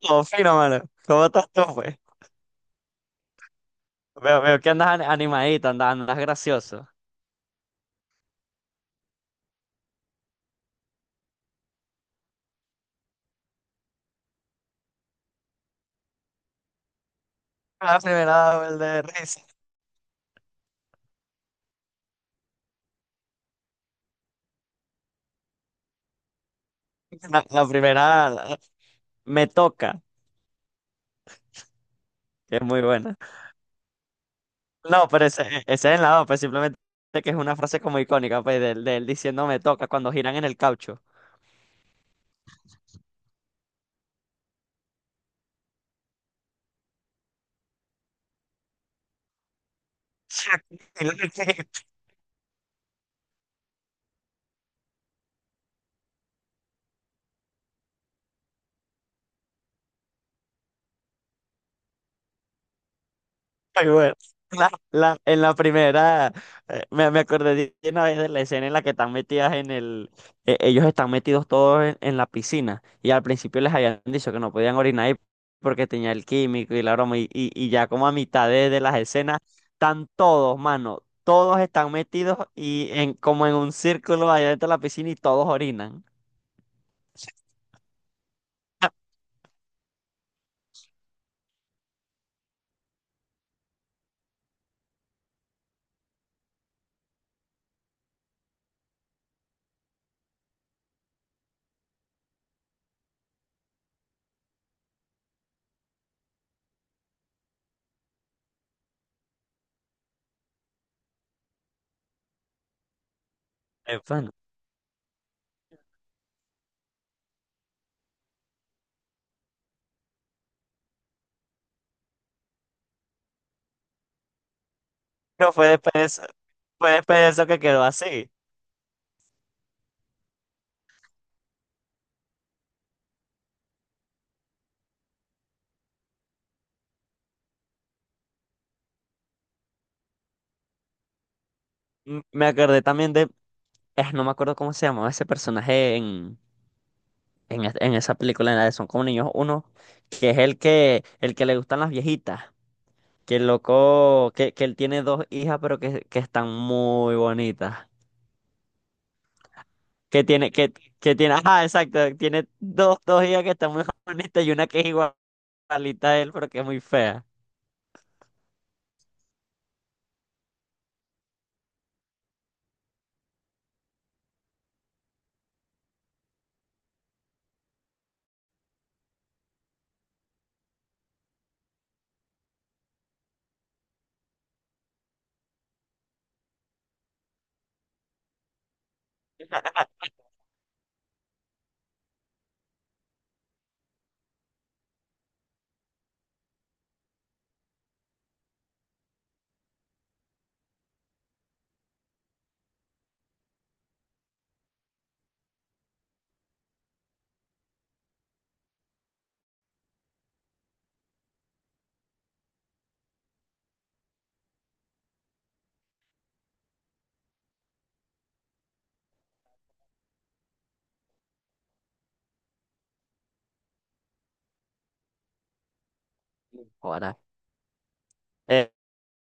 Todo fino, mano. ¿Cómo estás tú, pues? Veo que andas animadito, andas gracioso. La primera vez de risa. La primera me toca, que es muy buena. No, pero ese es el lado, pues simplemente que es una frase como icónica, pues, del diciendo me toca cuando giran en el caucho. Ay, bueno, en la primera, me acordé de una vez de la escena en la que están metidas en el, ellos están metidos todos en la piscina, y al principio les habían dicho que no podían orinar ahí porque tenía el químico y la broma, y ya como a mitad de las escenas están todos, mano, todos están metidos y en como en un círculo allá dentro de la piscina y todos orinan. Bueno, Pero fue después de eso que quedó así. Me acordé también de, no me acuerdo cómo se llamaba ese personaje en esa película, en la de Son como niños uno, que es el que le gustan las viejitas, que el loco, que él tiene dos hijas, pero que están muy bonitas. Que tiene, que, que tiene, Ajá, exacto, tiene dos hijas que están muy bonitas y una que es igualita a él, pero que es muy fea. Ahora. Eh,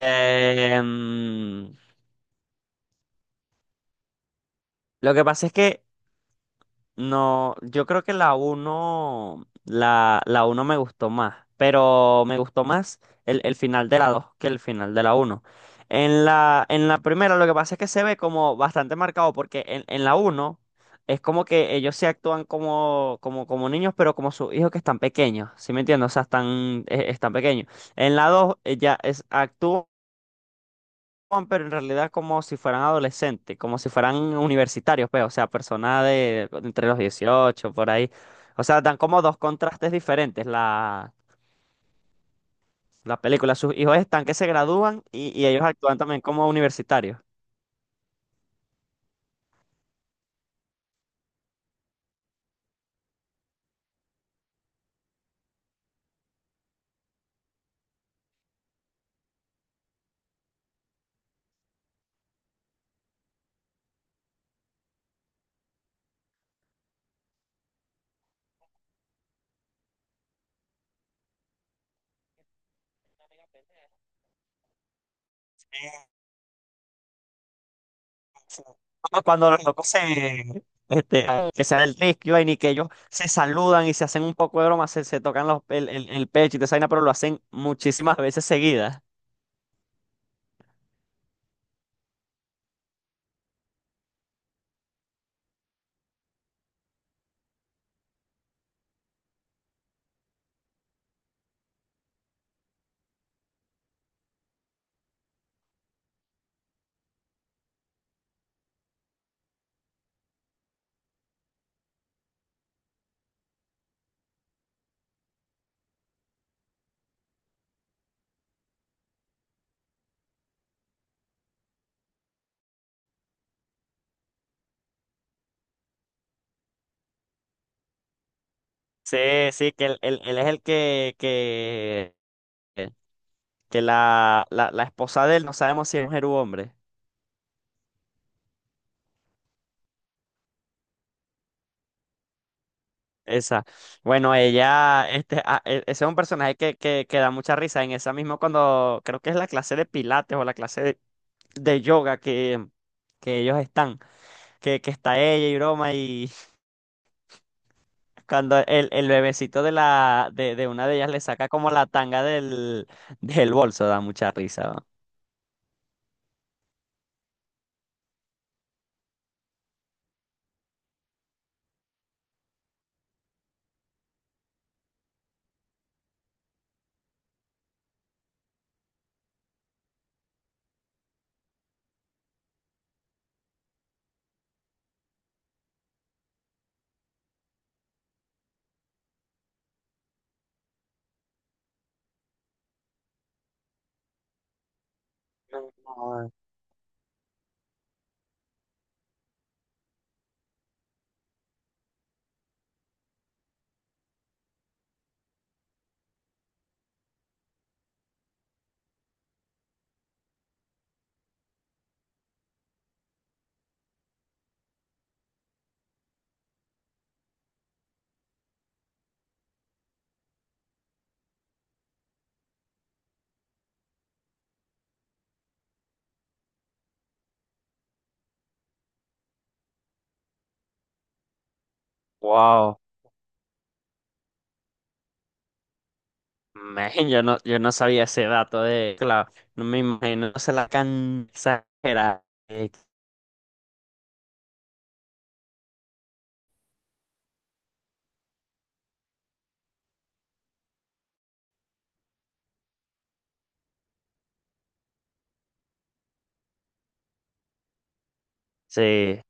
em, lo que pasa es que no, yo creo que la uno me gustó más, pero me gustó más el final de la 2 que el final de la uno. En la primera lo que pasa es que se ve como bastante marcado porque en la uno es como que ellos se actúan como niños, pero como sus hijos que están pequeños. ¿Sí me entiendes? O sea, están pequeños. En la 2 ella es, actúan. Juan, pero en realidad como si fueran adolescentes, como si fueran universitarios, pues, o sea, personas de entre los 18 por ahí. O sea, dan como dos contrastes diferentes la película. Sus hijos están que se gradúan y ellos actúan también como universitarios. Eh, sí. Como cuando los locos se, que se da el rescue y vaina, y que ellos se saludan y se hacen un poco de broma, se tocan el pecho y te vaina, pero lo hacen muchísimas veces seguidas. Sí, sí, que él es el que la esposa de él, no sabemos si es mujer u hombre. Esa. Bueno, ella, este, ah, e- ese es un personaje que da mucha risa. En esa misma cuando creo que es la clase de pilates o la clase de yoga que ellos están, que está ella y broma, y cuando el bebecito de una de ellas le saca como la tanga del bolso, da mucha risa. Wow. Man, yo no sabía ese dato de, claro, no me imagino, se la can exagerada. eh, Sí,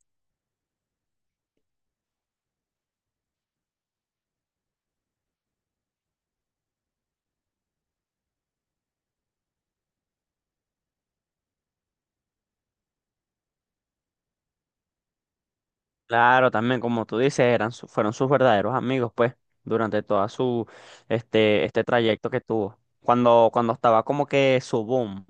claro, también como tú dices, fueron sus verdaderos amigos, pues, durante toda su, este trayecto que tuvo. Cuando estaba como que su boom.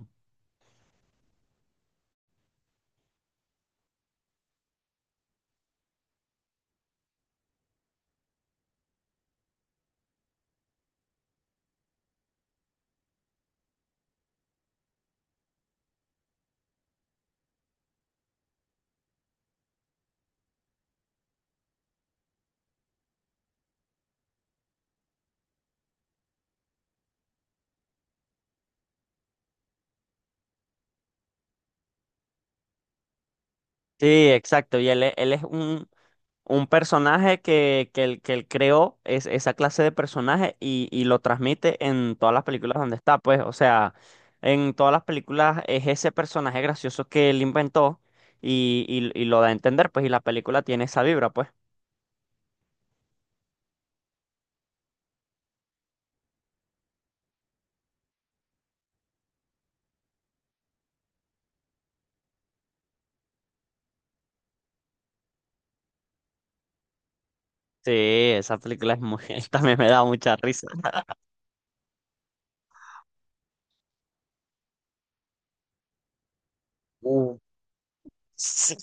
Sí, exacto, y él es un personaje que él creó es esa clase de personaje y lo transmite en todas las películas donde está, pues, o sea, en todas las películas es ese personaje gracioso que él inventó y lo da a entender, pues, y la película tiene esa vibra, pues. Sí, esa película es muy, también me da mucha risa. Uh. Sí,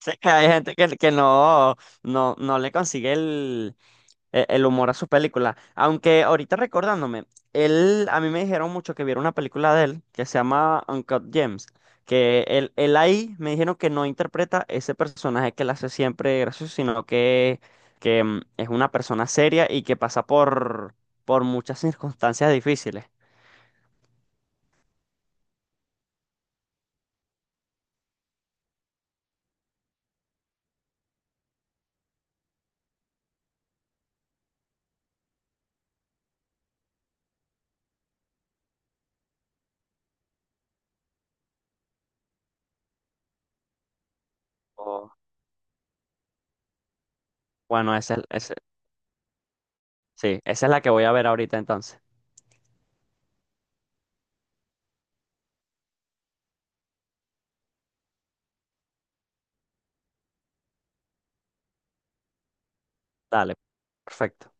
sí, hay gente que no le consigue el humor a sus películas. Aunque ahorita recordándome, él, a mí me dijeron mucho que viera una película de él que se llama Uncut Gems, que él ahí me dijeron que no interpreta ese personaje que él hace siempre gracioso, sino que es una persona seria y que pasa por muchas circunstancias difíciles. Oh, bueno, sí, esa es la que voy a ver ahorita entonces. Dale, perfecto.